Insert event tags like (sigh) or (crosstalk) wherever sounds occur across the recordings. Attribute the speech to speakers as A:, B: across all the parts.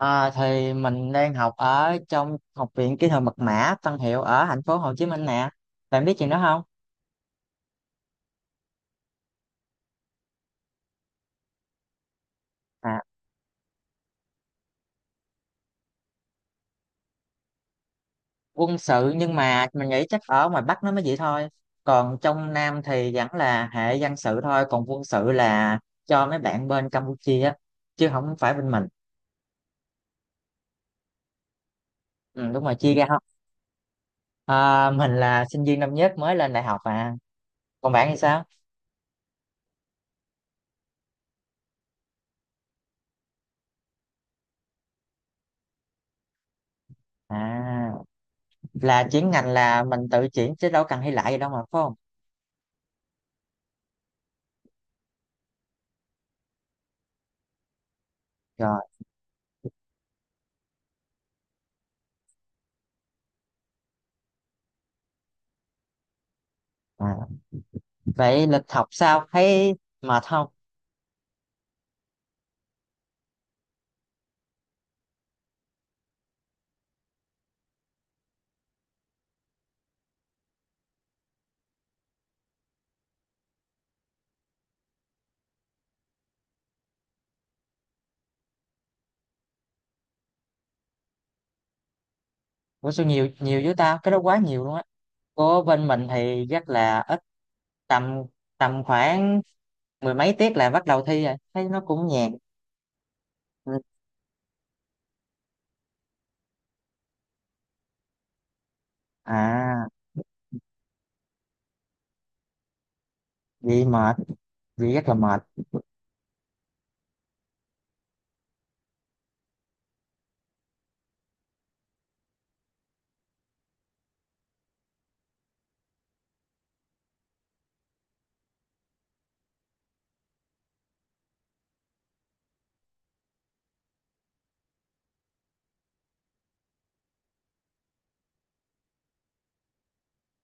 A: À, thì mình đang học ở trong Học viện Kỹ thuật Mật mã Tân Hiệu ở thành phố Hồ Chí Minh nè. Bạn biết chuyện đó không? À, quân sự nhưng mà mình nghĩ chắc ở ngoài Bắc nó mới vậy thôi. Còn trong Nam thì vẫn là hệ dân sự thôi. Còn quân sự là cho mấy bạn bên Campuchia á, chứ không phải bên mình. Ừ, đúng rồi, chia ra không? À, mình là sinh viên năm nhất mới lên đại học à. Còn bạn thì sao? À, là chuyển ngành là mình tự chuyển chứ đâu cần thi lại gì đâu mà, phải không? Rồi. À, vậy lịch học sao, thấy mệt không? Ủa, sao nhiều nhiều với tao, cái đó quá nhiều luôn á. Của bên mình thì chắc là ít, tầm tầm khoảng mười mấy tiết là bắt đầu thi rồi, thấy nó cũng nhàn. Ừ. À, vậy mệt, vậy rất là mệt.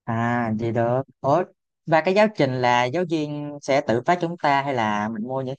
A: À, vậy được. Ủa, và cái giáo trình là giáo viên sẽ tự phát chúng ta, hay là mình mua những…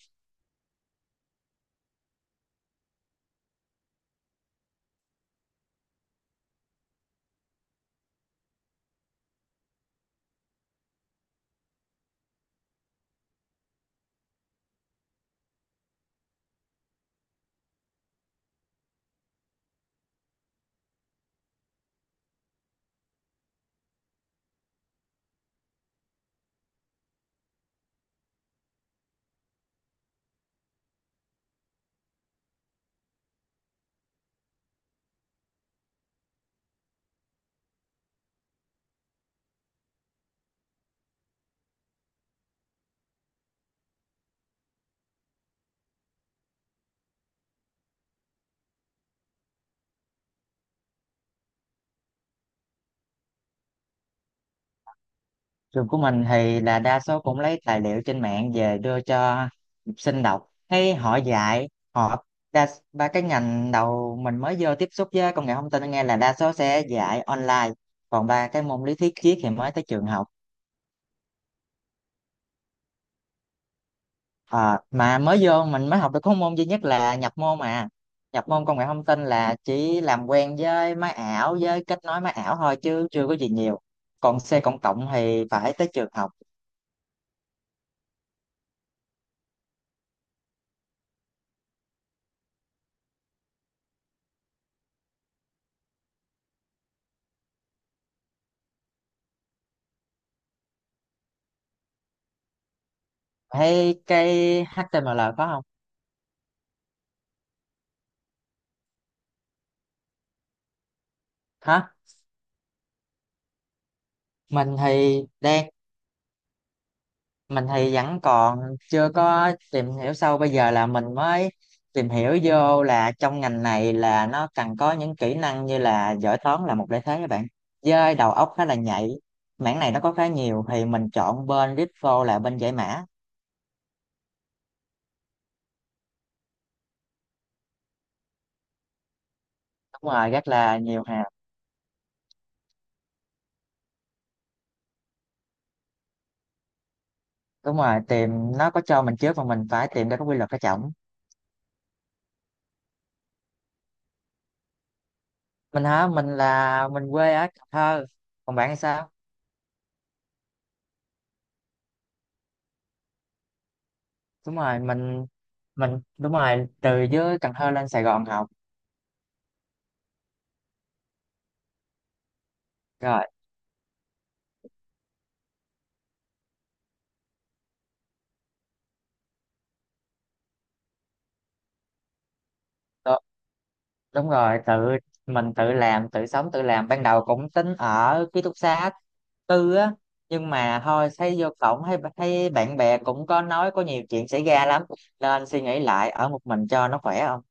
A: Trường của mình thì là đa số cũng lấy tài liệu trên mạng về đưa cho học sinh đọc. Thấy họ dạy, họ đa, ba cái ngành đầu mình mới vô tiếp xúc với công nghệ thông tin nghe là đa số sẽ dạy online. Còn ba cái môn lý thuyết triết thì mới tới trường học. Ờ, mà mới vô mình mới học được có môn duy nhất là nhập môn mà. Nhập môn công nghệ thông tin là chỉ làm quen với máy ảo, với kết nối máy ảo thôi chứ chưa có gì nhiều. Còn C cộng cộng thì phải tới trường học. Thấy cái HTML có không? Hả? mình thì đang mình thì vẫn còn chưa có tìm hiểu sâu, bây giờ là mình mới tìm hiểu vô là trong ngành này là nó cần có những kỹ năng như là giỏi toán là một lợi thế các bạn, với đầu óc khá là nhạy. Mảng này nó có khá nhiều thì mình chọn bên crypto là bên giải mã. Đúng rồi, rất là nhiều hàng. Đúng rồi, tìm, nó có cho mình trước mà mình phải tìm ra cái quy luật cái trọng. Mình hả? Mình quê ở Cần Thơ. Còn bạn thì sao? Đúng rồi, mình đúng rồi, từ dưới Cần Thơ lên Sài Gòn học. Rồi. Đú- đúng rồi, tự mình tự làm tự sống tự làm, ban đầu cũng tính ở ký túc xá tư á, nhưng mà thôi, thấy vô cổng thấy thấy bạn bè cũng có nói có nhiều chuyện xảy ra lắm, nên suy nghĩ lại ở một mình cho nó khỏe, không?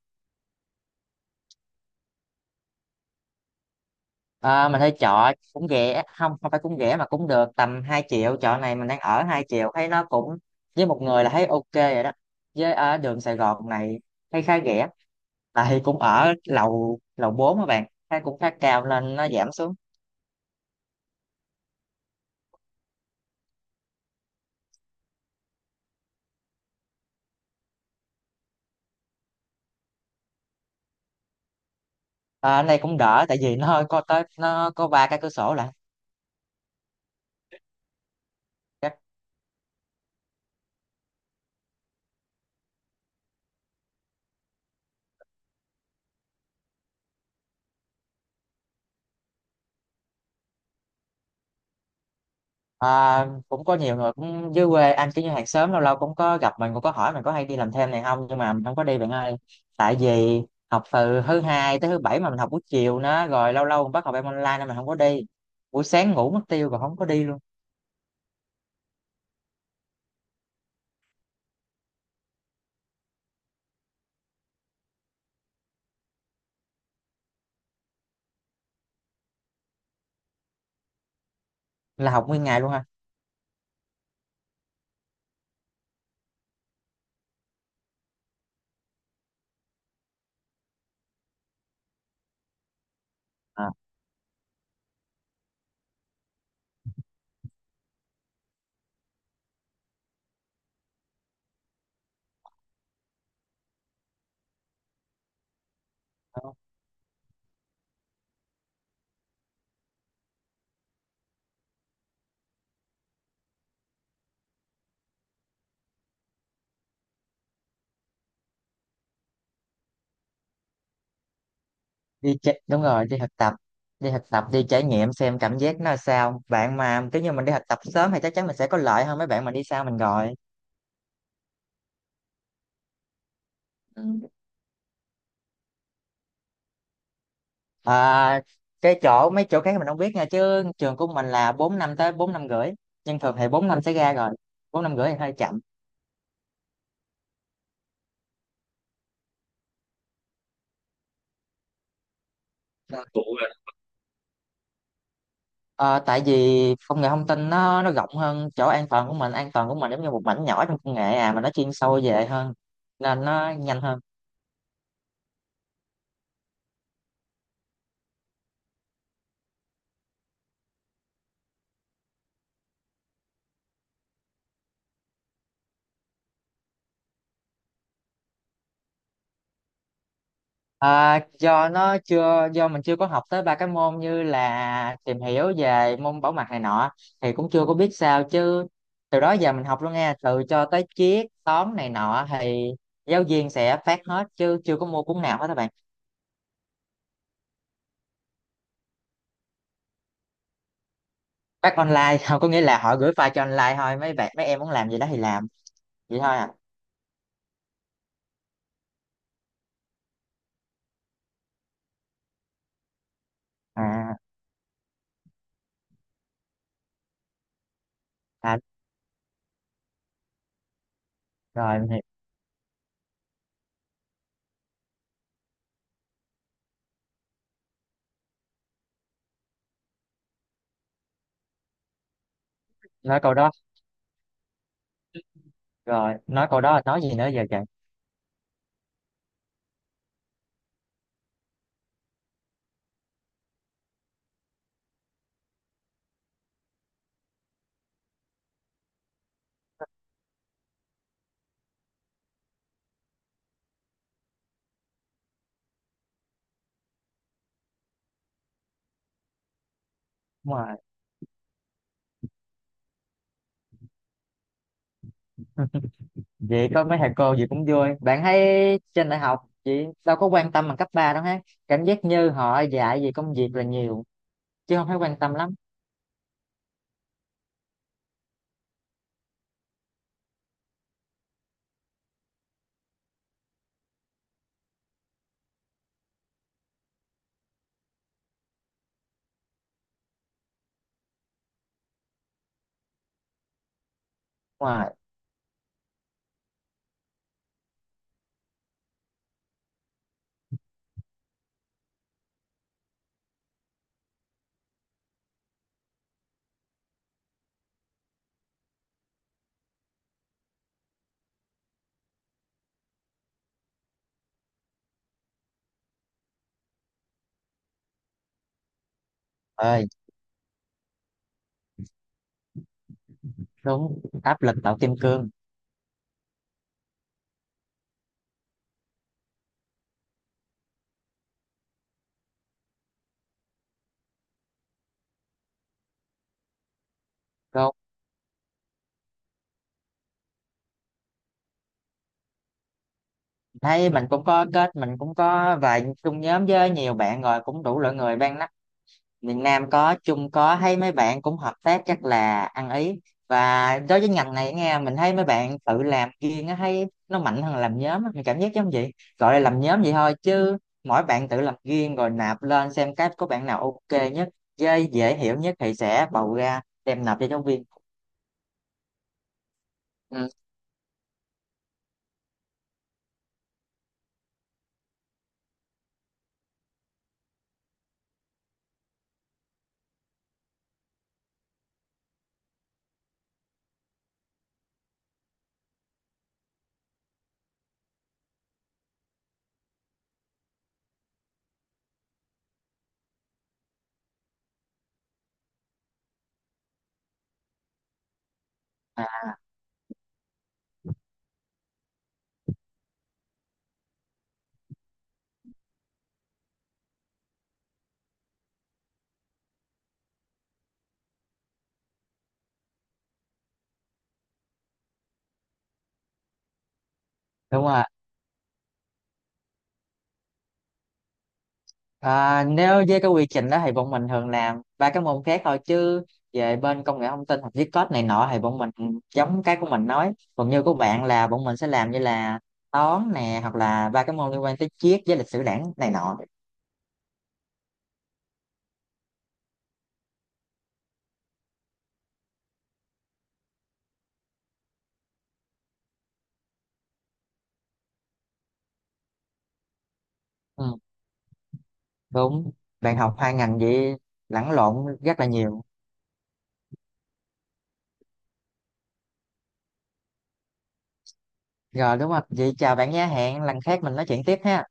A: À, mình thấy trọ cũng rẻ, không, không phải, cũng rẻ mà cũng được tầm 2 triệu, trọ này mình đang ở 2 triệu thấy nó cũng, với một người là thấy ok rồi đó, với ở đường Sài Gòn này thấy khá rẻ. Đây cũng ở lầu lầu 4 các bạn, thấy cũng khá cao nên nó giảm xuống. À, này cũng đỡ tại vì nó hơi có tới, nó có ba cái cửa sổ lại. Chắc… À, cũng có nhiều người cũng dưới quê anh kiểu như hàng xóm lâu lâu cũng có gặp, mình cũng có hỏi mình có hay đi làm thêm này không, nhưng mà mình không có đi bạn ơi. Tại vì học từ thứ hai tới thứ bảy mà mình học buổi chiều nữa, rồi lâu lâu mình bắt học em online nên mình không có đi, buổi sáng ngủ mất tiêu rồi không có đi luôn. Là học nguyên ngày luôn ha. À. Đi chạy, đúng rồi, đi thực tập, đi thực tập đi trải nghiệm xem cảm giác nó sao bạn, mà cứ như mình đi thực tập sớm thì chắc chắn mình sẽ có lợi hơn mấy bạn mà đi sau mình rồi. Ừ. À, cái chỗ mấy chỗ khác mình không biết nha, chứ trường của mình là 4 năm tới 4 năm rưỡi, nhưng thường thì 4 năm sẽ ra rồi, 4 năm rưỡi thì hơi chậm. Ờ, tại vì công nghệ thông tin nó rộng hơn, chỗ an toàn của mình, an toàn của mình giống như một mảnh nhỏ trong công nghệ à, mà nó chuyên sâu về hơn nên nó nhanh hơn. À, do mình chưa có học tới ba cái môn như là tìm hiểu về môn bảo mật này nọ thì cũng chưa có biết sao, chứ từ đó giờ mình học luôn nghe từ cho tới triết toán này nọ thì giáo viên sẽ phát hết chứ chưa có mua cuốn nào hết các bạn. Phát online (laughs) không, có nghĩa là họ gửi file cho online thôi, mấy bạn mấy em muốn làm gì đó thì làm vậy thôi à. À, à rồi mình hiểu. Nói câu đó rồi nói câu đó là nói gì nữa giờ trời. Vậy có mấy thầy cô gì cũng vui. Bạn thấy trên đại học chị đâu có quan tâm bằng cấp 3 đâu ha. Cảm giác như họ dạy về công việc là nhiều chứ không thấy quan tâm lắm. Ngoài ơi, đúng, áp lực tạo kim cương. Cô, thấy mình cũng có kết, mình cũng có vài chung nhóm với nhiều bạn rồi cũng đủ loại người ban, miền Nam có Trung có, thấy mấy bạn cũng hợp tác chắc là ăn ý. Và đối với ngành này nghe mình thấy mấy bạn tự làm riêng á thấy nó mạnh hơn làm nhóm á. Mình cảm giác giống vậy, gọi là làm nhóm vậy thôi chứ mỗi bạn tự làm riêng rồi nạp lên xem cái có bạn nào ok nhất với dễ hiểu nhất thì sẽ bầu ra đem nộp cho giáo viên. Ừ. À, đúng rồi. À, nếu với cái quy trình đó thì bọn mình thường làm ba cái môn khác thôi, chứ về bên công nghệ thông tin hoặc viết code này nọ thì bọn mình giống cái của mình nói, còn như của bạn là bọn mình sẽ làm như là toán nè hoặc là ba cái môn liên quan tới triết với lịch sử đảng này nọ. Ừ, đúng. Bạn học hai ngành vậy lẫn lộn rất là nhiều. Rồi đúng không, vậy chào bạn nhé, hẹn lần khác mình nói chuyện tiếp ha.